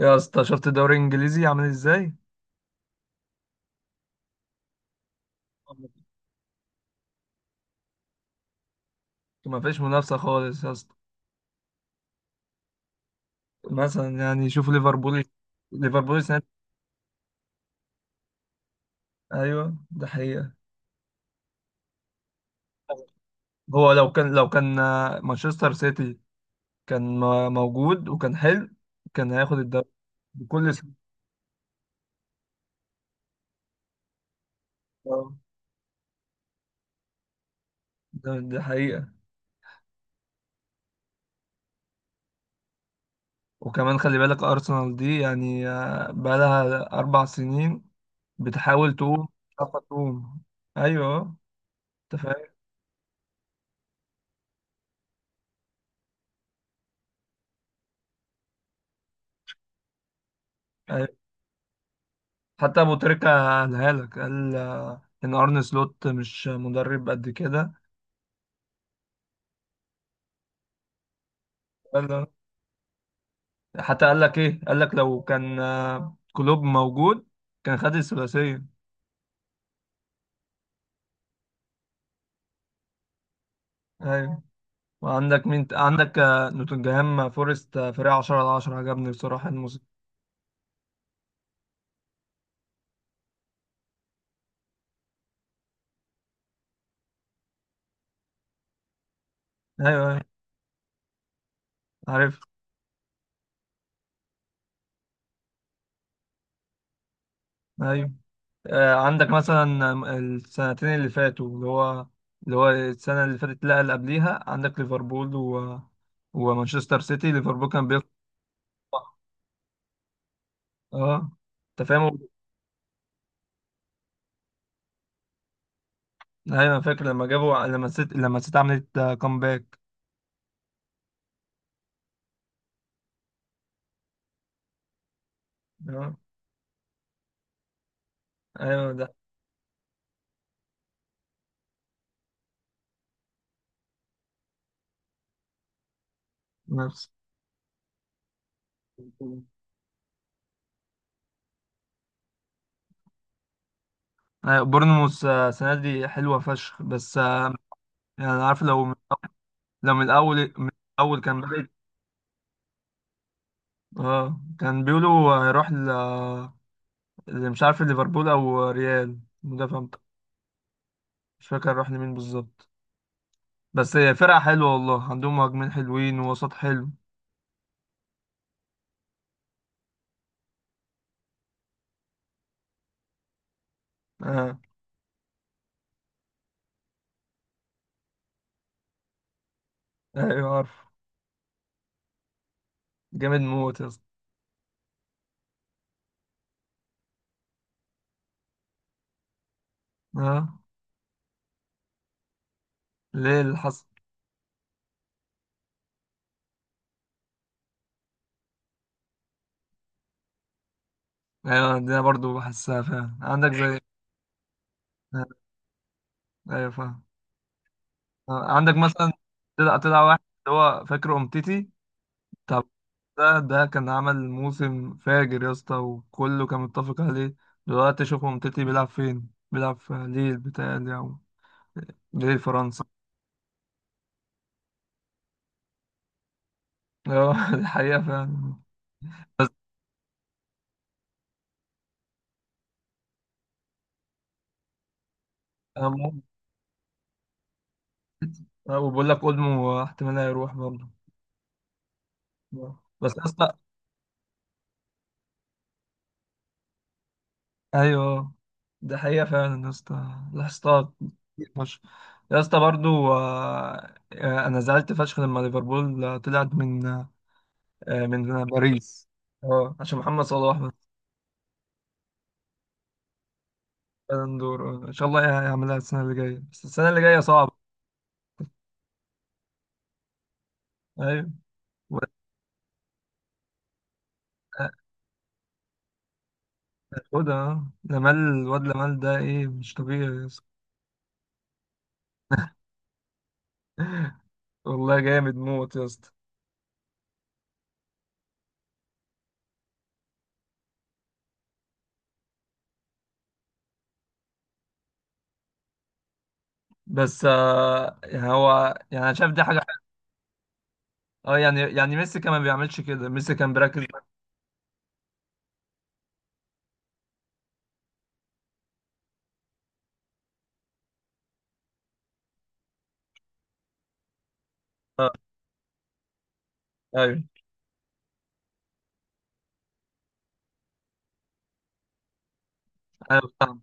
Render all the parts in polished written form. يا اسطى، شفت الدوري الانجليزي عامل ازاي؟ ما فيش منافسه خالص يا اسطى. مثلا يعني شوف ليفربول. ليفربول سنة. ايوه ده حقيقه. هو لو كان مانشستر سيتي موجود وكان حلو. كان هياخد الدوري بكل سنة. آه، ده حقيقه. وكمان خلي بالك ارسنال دي، يعني بقالها اربع سنين بتحاول تقوم، مش عارفة تقوم. ايوه. انت فاهم. أيوه. حتى ابو تريكة قالها لك، قال ان ارن سلوت مش مدرب قد كده. قال. حتى قال لك ايه؟ قال لك لو كان كلوب موجود كان خد الثلاثيه. ايوه. عندك نوتنجهام فورست، فريق 10 على 10، عجبني بصراحه الموسم. ايوه ايوه. عارف. ايوه. عندك مثلا السنتين اللي فاتوا، اللي هو السنه اللي فاتت، لا اللي قبليها، عندك ليفربول و... ومانشستر سيتي. ليفربول كان بيطلع. اه. انت فاهم. ايوه فاكر لما جابوا، لما الست عملت كومباك. ايوه ده. نفس. ايوه، بورنموث السنه دي حلوه فشخ، بس يعني عارف، لو من الاول، من الاول كان بدأت. اه كان بيقولوا هيروح اللي مش عارف ليفربول او ريال، مدافع مش فاكر راح لمين بالظبط. بس هي فرقه حلوه والله، عندهم مهاجمين حلوين ووسط حلو. اه. ايوه عارف. جامد موت يا اسطى. اه. ليه اللي حصل؟ ايوه، ده برضو بحسها فعلا، عندك زي ايوه فاهم. عندك مثلا. طلع واحد، اللي هو فاكر امتيتي. طب، ده كان عمل موسم فاجر يا اسطى، وكله كان متفق عليه. دلوقتي شوف امتيتي بيلعب فين، بيلعب في ليل بتاعي او ليل فرنسا. ايوه دي حقيقة فعلا. أنا بقول- وبقول لك اولمو احتمال هيروح برضه. بس يا اسطى. ايوه. ده حقيقة فعلا يا اسطى، لاحظتها كتير فشخ. يا اسطى، برضو انا زعلت فشخ لما ليفربول طلعت من من باريس. اه، عشان محمد صلاح بس. بالون دور. ان شاء الله هيعملها السنة اللي جاية، بس السنة اللي جاية صعبة. ايوه. و- آه، خدها آه. لامال، الواد لامال ده ايه؟ مش طبيعي يا اسطى. والله جامد موت يا اسطى. بس يعني هو، يعني انا شايف دي حاجة حلوة. اه يعني ميسي كمان ما بيعملش كده، ميسي كان بيركز. آه. ايوه. ايوه فاهم.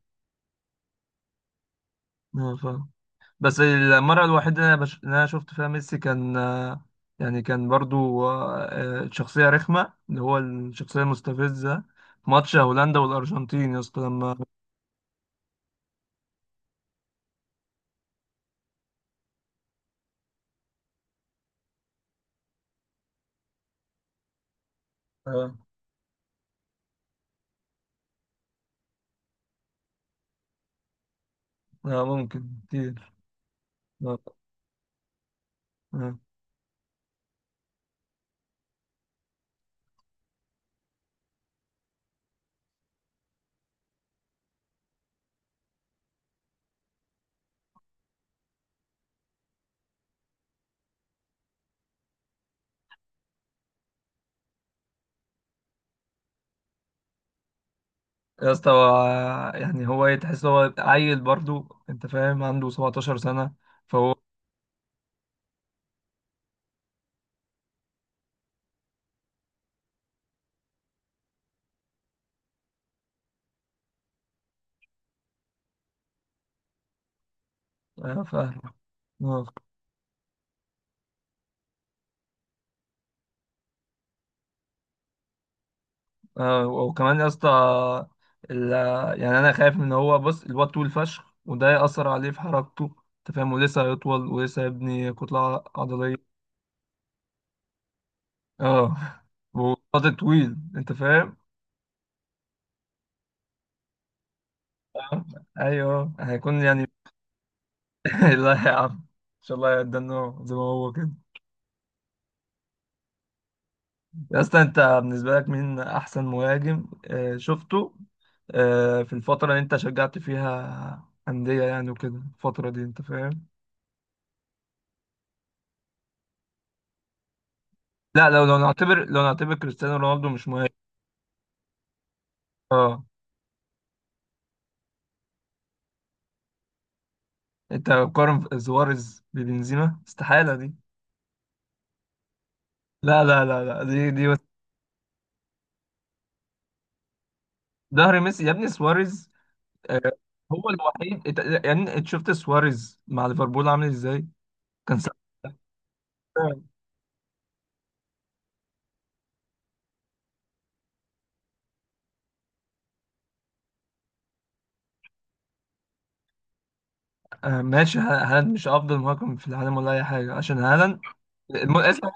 أيوة فاهم. بس المرة الوحيدة اللي اللي أنا شفت فيها ميسي كان يعني كان برضو شخصية رخمة، اللي هو الشخصية المستفزة، في ماتش هولندا والأرجنتين يا اسطى لما. آه. آه، ممكن كتير. آه. آه. يا اسطى يعني هو إيه؟ تحس هو عيل برضو، أنت فاهم، عنده 17 سنة، فهو فاهم. آه، وكمان يا اسطى ال- يعني انا خايف ان هو، بص الواد طول فشخ، وده يأثر عليه في حركته. انت فاهم، ولسه هيطول ولسه هيبني كتلة عضلية. اه. وقد طويل، انت فاهم. آه. ايوه هيكون يعني لا يا عم، ان شاء الله يدنا زي ما هو كده. يا اسطى انت بالنسبة لك مين احسن مهاجم شفته في الفترة اللي انت شجعت فيها أندية، يعني وكده الفترة دي، انت فاهم. لا، لو نعتبر كريستيانو رونالدو مش مهم. اه. انت قارن سواريز ببنزيما؟ استحالة دي. لا، لا، لا، لا، ظهر ميسي يا ابني سواريز. آه. هو الوحيد يعني انت شفت سواريز مع ليفربول عامل ازاي. كان ساعتها ماشي، هالاند مش افضل مهاجم في العالم ولا اي حاجة، عشان هالاند اسمع.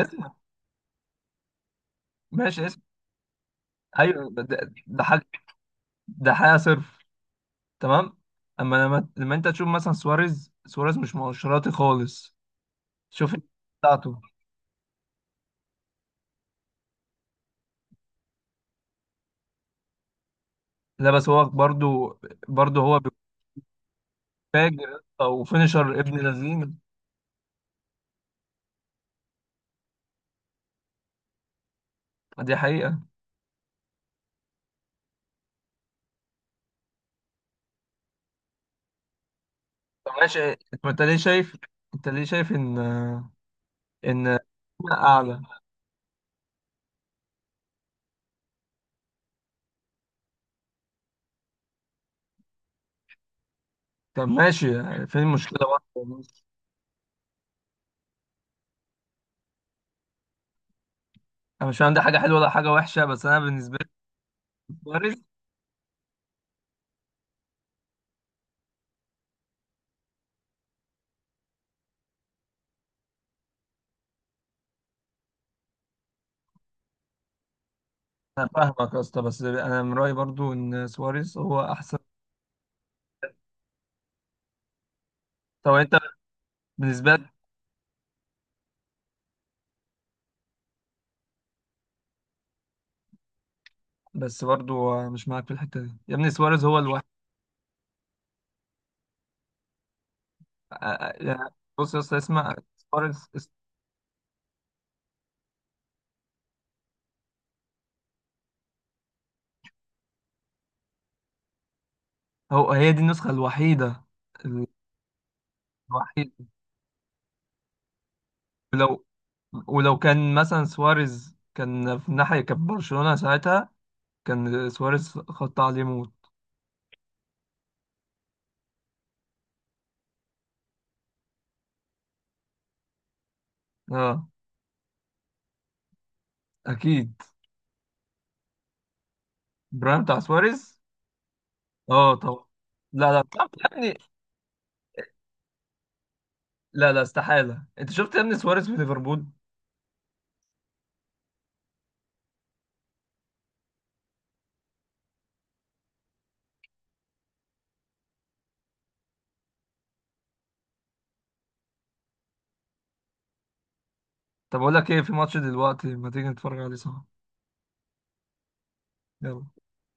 اسمع. ماشي اسمع. ايوه ده حاجة، ده حاجة صرف. تمام. اما لما انت تشوف مثلا سواريز، مش مؤشراطي خالص. شوف. بتاعته. لا بس هو برضو، برضو هو فاجر، او فينيشر ابن لذين. دي حقيقة. طب ماشي، طب انت ليه شايف؟ انت ليه شايف ان، ان اعلى؟ طب ماشي، يعني فين المشكلة؟ برضه؟ انا مش عندي حاجة حلوة ولا حاجة وحشة، بس انا بالنسبة لي سواريز. انا فاهمك يا اسطى، بس انا من رأيي برضو ان سواريز هو احسن. طب انت بالنسبة لك؟ بس برضو مش معاك في الحتة دي، يا ابني سواريز هو الوحيد. يعني بص يا اسطى اسمع. سواريز هي دي النسخة الوحيدة، الوحيد. ولو، ولو كان مثلا سواريز كان في الناحية، كان برشلونة ساعتها كان سواريز خط عليه موت. اه. اكيد. برايم بتاع سواريز. اه طبعا. لا لا، طب يا ابني. لا لا، استحالة، انت شفت يا ابني سواريز في ليفربول. طب اقول لك ايه، في ماتش دلوقتي، ما تيجي نتفرج عليه سوا. يلا.